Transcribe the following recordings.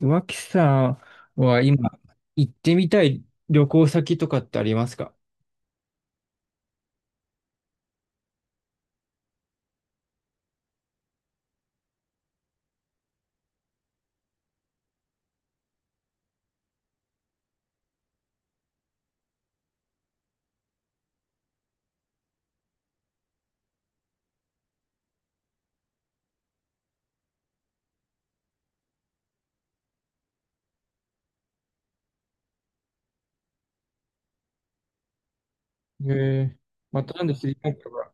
脇さんは今行ってみたい旅行先とかってありますか？ええ、またなんでスリランカが、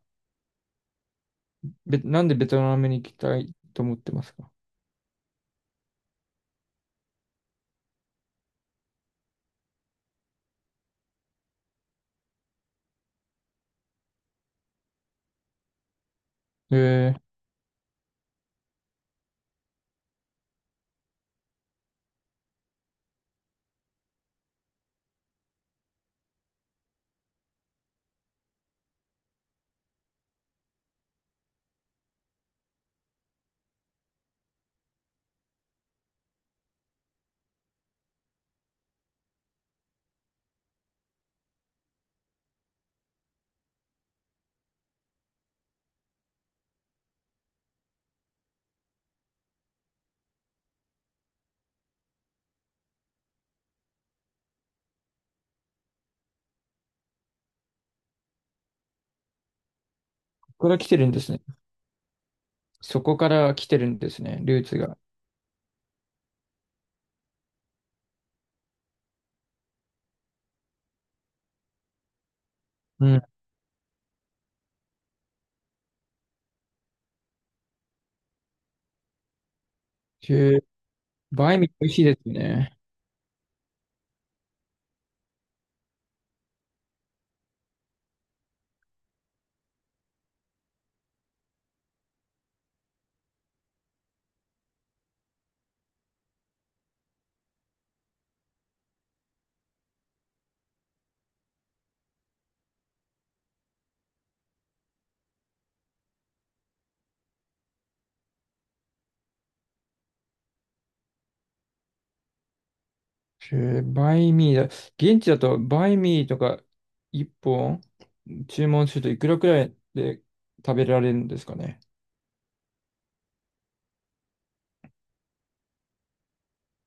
なんでベトナムに行きたいと思ってますか？ええ、ここから来てるんですね。そこから来てるんですね、ルーツが。うん。へえ、バインミー美味しいですね。へえ、バインミーだ。現地だとバインミーとか一本注文するといくらくらいで食べられるんですかね？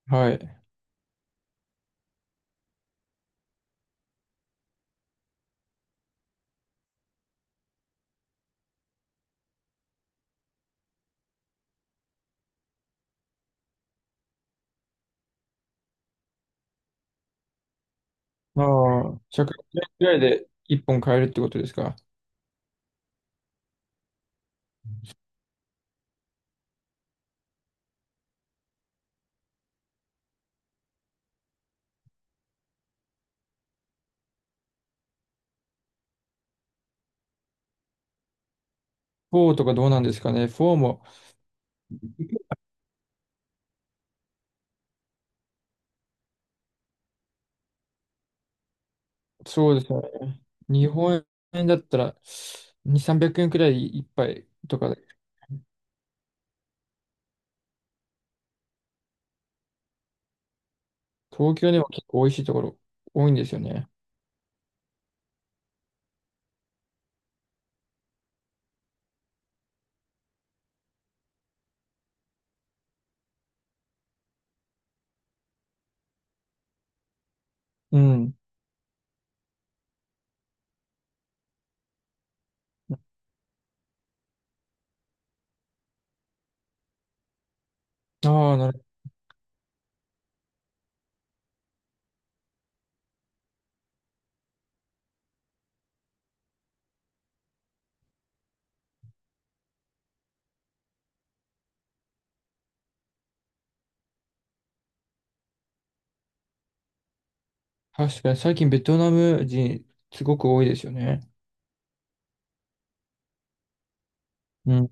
はい。ああ、10円ぐらいで1本買えるってことですか？4とかどうなんですかね？4も、そうですよね。日本円だったら2、300円くえんくらい1杯とかで、東京でも結構美味しいところ多いんですよね。うん。ああ、なるほど。確かに最近ベトナム人すごく多いですよね。うん。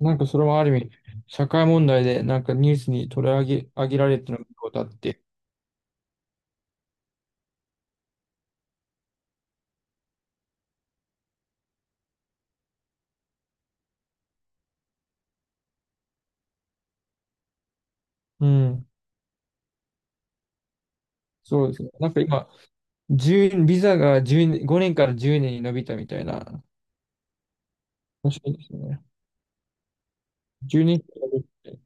なんかそれもある意味、社会問題でなんかニュースに取り上げ、上げられてることあって。うん。そうですね。なんか今、1ビザが10、5年から10年に伸びたみたいな。面白いですね。1年からて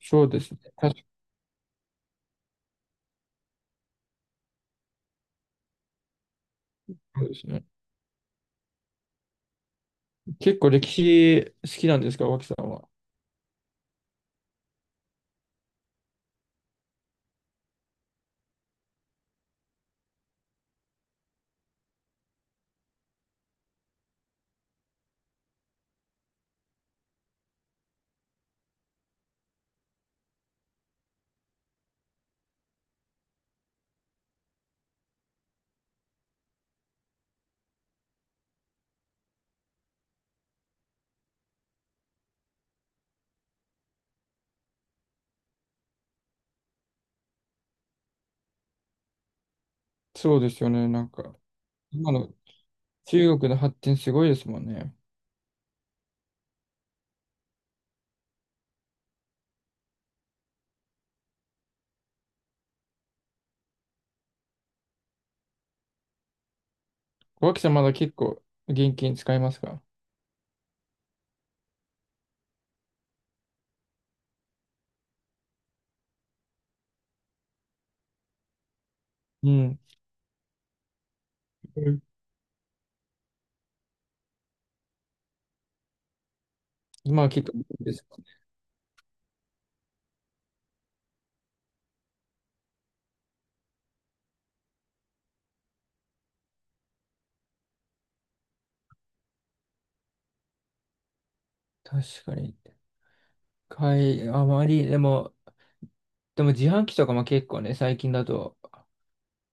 そうですね。確かに。そうですね。結構歴史好きなんですか、脇さんは？そうですよね。なんか、今の中国の発展すごいですもんね。脇さんまだ結構現金使いますか？うん。うん、今は結構ですか？確かに。あまり、でも、自販機とかも結構ね、最近だと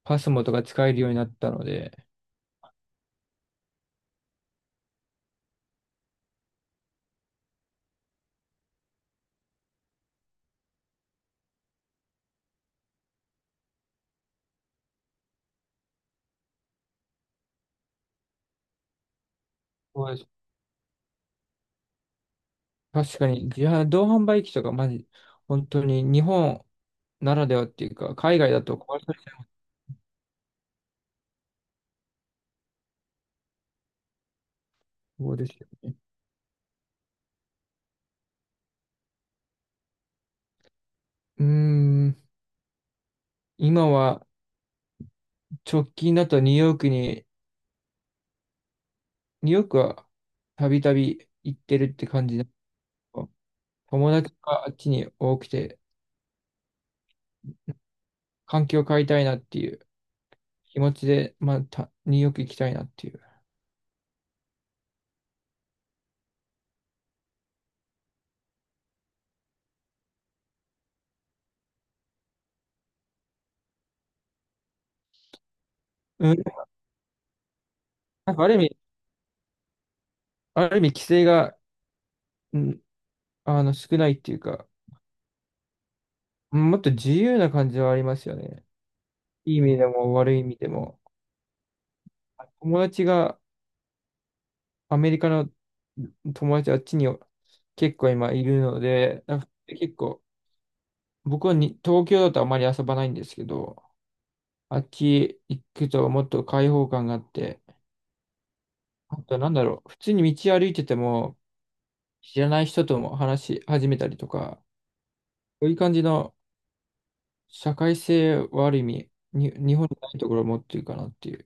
パスモとか使えるようになったので、そうです。確かに同販売機とか、まじ、本当に日本ならではっていうか、海外だと壊されそうですよね。うーん、今は直近だとニューヨークはたびたび行ってるって感じだけど、友達があっちに多くて、環境を変えたいなっていう気持ちで、まあ、ニューヨーク行きたいなっていう。うん、なんかある意味規制が、うん、少ないっていうか、もっと自由な感じはありますよね。いい意味でも悪い意味でも。友達がアメリカの友達あっちに結構今いるので、なんか結構、僕は東京だとあまり遊ばないんですけど、あっち行くともっと開放感があって、あとなんだろう、普通に道歩いてても知らない人とも話し始めたりとか、そういう感じの社会性はある意味、日本にないところを持ってるかなっていう、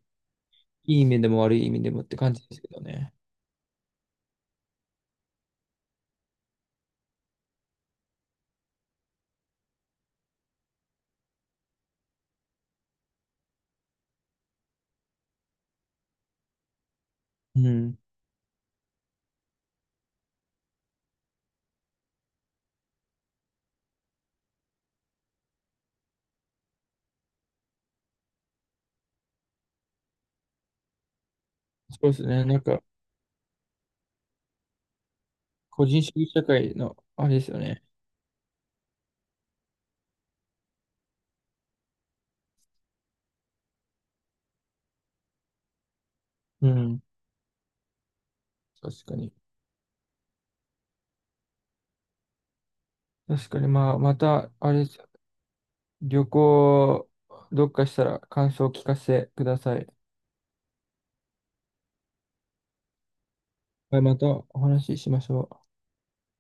いい意味でも悪い意味でもって感じですけどね。うん。そうですね。なんか、個人主義社会のあれですよね。うん。確かに。確かに、まあ、また、あれ、旅行、どっかしたら感想を聞かせてください。はい、またお話ししましょう。